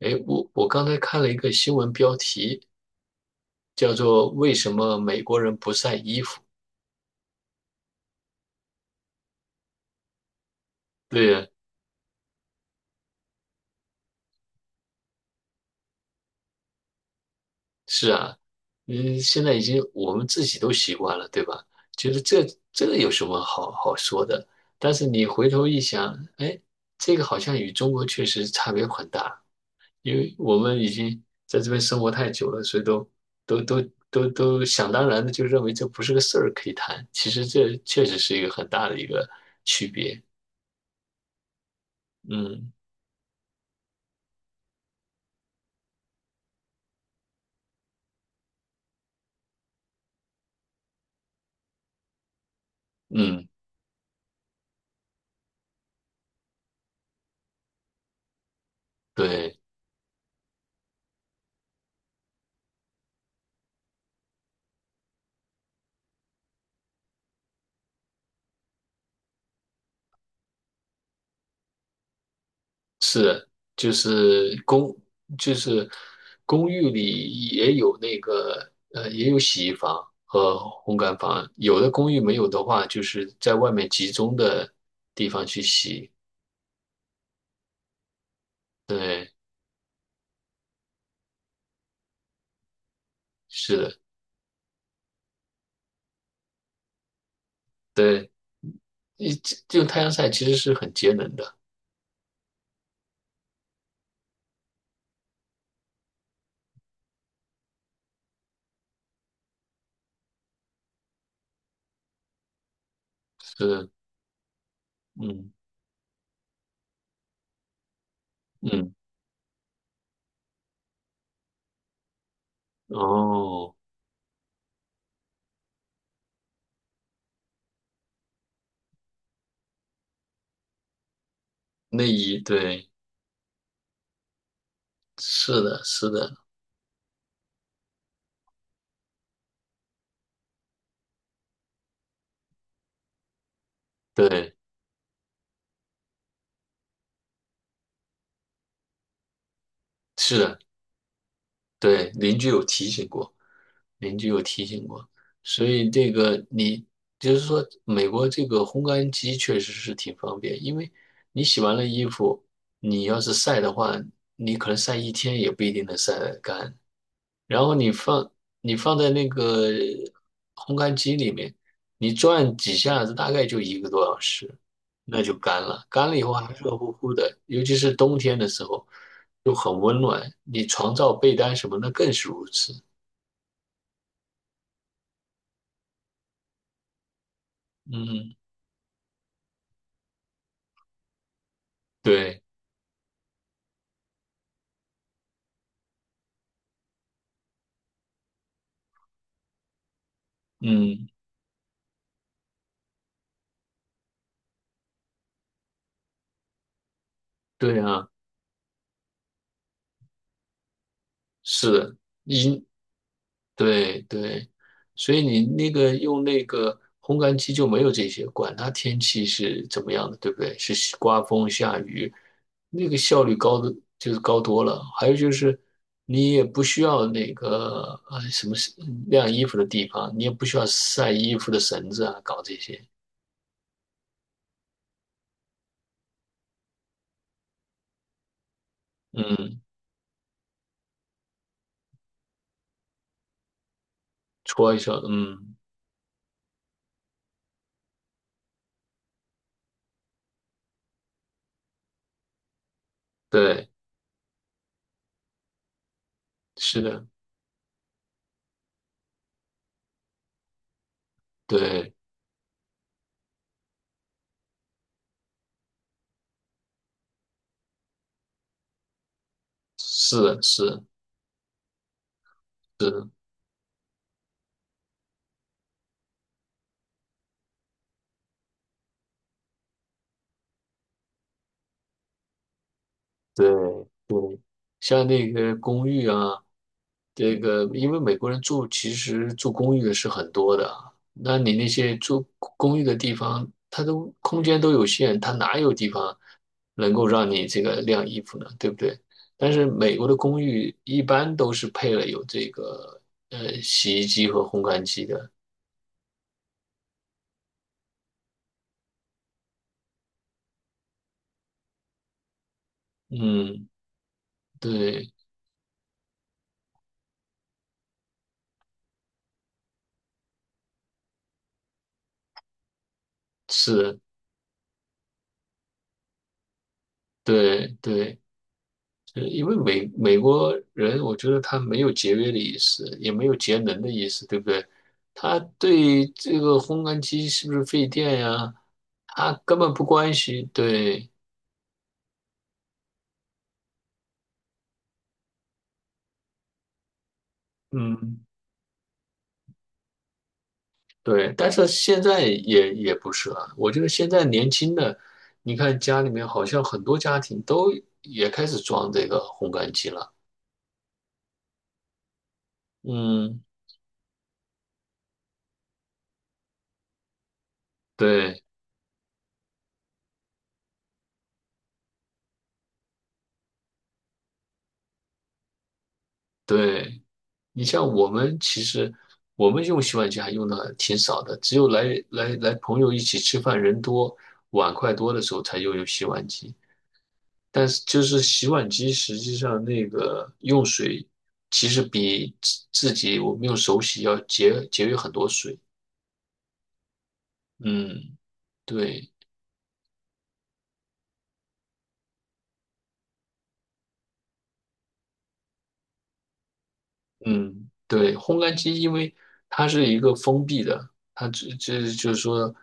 哎，我刚才看了一个新闻标题，叫做"为什么美国人不晒衣服"。对呀，是啊，现在已经我们自己都习惯了，对吧？觉得这有什么好说的？但是你回头一想，哎，这个好像与中国确实差别很大，因为我们已经在这边生活太久了，所以都都都想当然的就认为这不是个事儿可以谈。其实这确实是一个很大的一个区别。嗯嗯。对，是，就是公，就是公寓里也有那个，也有洗衣房和烘干房。有的公寓没有的话，就是在外面集中的地方去洗。对，是的，对，这种太阳晒其实是很节能的。是，嗯嗯，哦，内衣，对，是的，是的，对，是的。对，邻居有提醒过，邻居有提醒过，所以这个你就是说，美国这个烘干机确实是挺方便，因为你洗完了衣服，你要是晒的话，你可能晒一天也不一定能晒得干，然后你放在那个烘干机里面，你转几下子，大概就一个多小时，那就干了。干了以后还热乎乎的，尤其是冬天的时候，就很温暖。你床罩、被单什么的更是如此。嗯，对，嗯，对啊，是的。你对对，所以你那个用那个烘干机就没有这些，管它天气是怎么样的，对不对？是刮风下雨，那个效率高的就是高多了。还有就是你也不需要那个什么晾衣服的地方，你也不需要晒衣服的绳子啊，搞这些。嗯，搓一下，嗯，对，是的，对，是的，是是，对对，像那个公寓啊。这个，因为美国人住其实住公寓的是很多的啊，那你那些住公寓的地方，它都空间都有限，它哪有地方能够让你这个晾衣服呢？对不对？但是美国的公寓一般都是配了有这个洗衣机和烘干机的。嗯，对，是，对对。对，因为美国人，我觉得他没有节约的意思，也没有节能的意思，对不对？他对这个烘干机是不是费电呀，他根本不关心。对，嗯，对。但是现在也不是了，我觉得现在年轻的，你看家里面好像很多家庭都也开始装这个烘干机了。嗯，对对。你像我们，其实我们用洗碗机还用的挺少的，只有来朋友一起吃饭，人多碗筷多的时候才用洗碗机。但是就是洗碗机实际上那个用水，其实比自己我们用手洗要节约很多水。嗯，对。嗯，对，烘干机因为它是一个封闭的，它只就是说，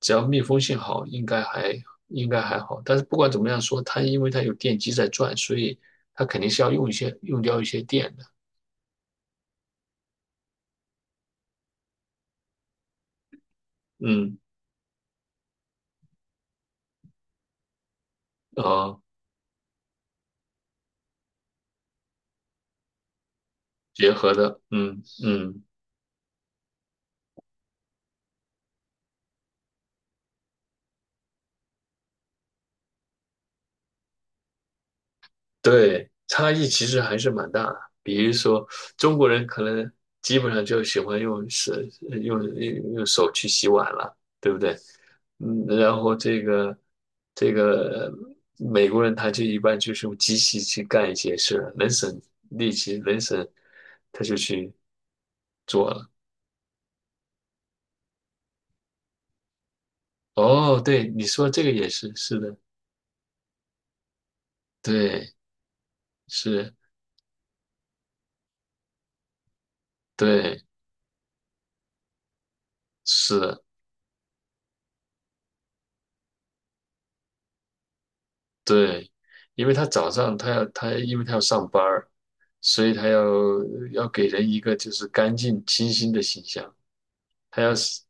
只要密封性好，应该还好。但是不管怎么样说，它因为它有电机在转，所以它肯定是要用掉一些电的。嗯，哦，结合的，嗯嗯，对，差异其实还是蛮大的。比如说，中国人可能基本上就喜欢用手去洗碗了，对不对？嗯，然后美国人他就一般就是用机器去干一些事儿，能省力气，他就去做了。哦，对，你说这个也是，是的，对，是，对，是的，对，因为他早上他因为他要上班儿，所以他要给人一个就是干净清新的形象，他要是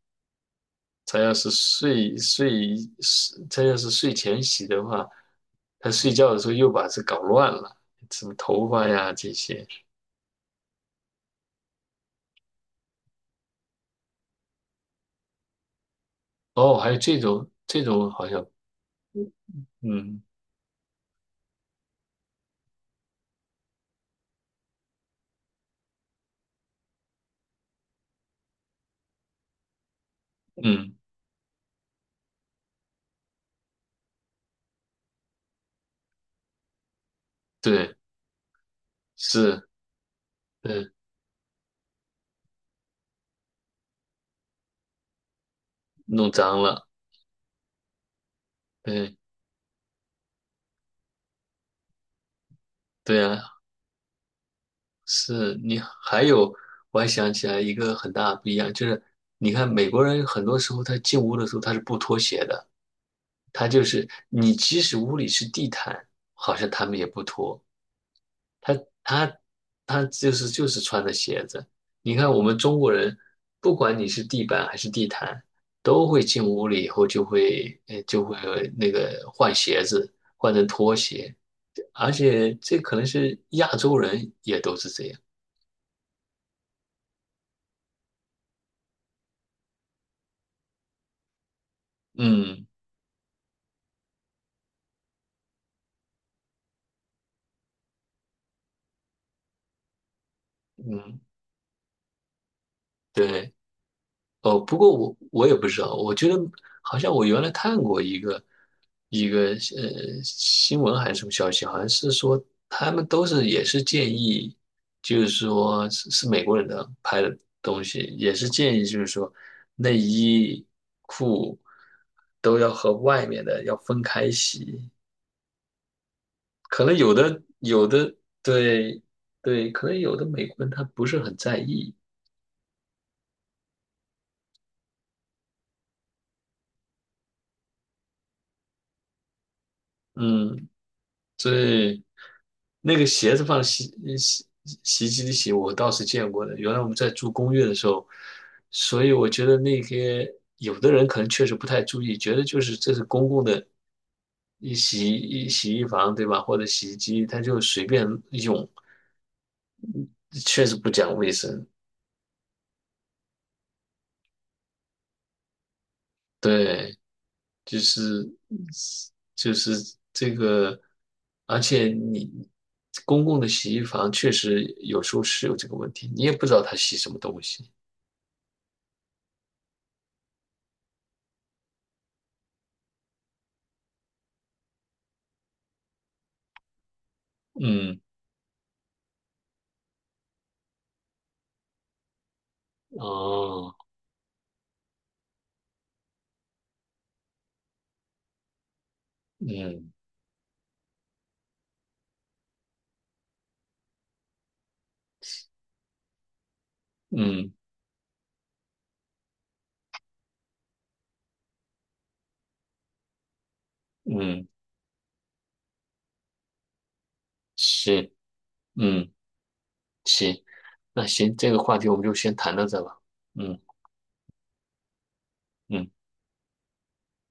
他要是睡前洗的话，他睡觉的时候又把这搞乱了，什么头发呀这些。哦，还有这种好像，嗯嗯，对，是，嗯，弄脏了，对对啊，是你还有，我还想起来一个很大的不一样，就是你看美国人很多时候他进屋的时候他是不脱鞋的，他就是你即使屋里是地毯，好像他们也不脱。他他他就是穿的鞋子。你看我们中国人，不管你是地板还是地毯，都会进屋里以后就会换鞋子，换成拖鞋，而且这可能是亚洲人也都是这样。嗯嗯，对。哦，不过我也不知道，我觉得好像我原来看过一个新闻还是什么消息，好像是说他们都是也是建议，就是说是美国人的拍的东西，也是建议就是说内衣裤都要和外面的要分开洗，可能有的对对，可能有的美国人他不是很在意，嗯。所以，那个鞋子放洗洗衣机里洗，我倒是见过的。原来我们在住公寓的时候，所以我觉得那些有的人可能确实不太注意，觉得就是这是公共的一洗一洗衣房，对吧？或者洗衣机，他就随便用，确实不讲卫生。对，就是就是这个，而且你公共的洗衣房确实有时候是有这个问题，你也不知道他洗什么东西。嗯，哦，嗯，嗯，嗯，行，嗯，行，那行，这个话题我们就先谈到这吧。嗯嗯。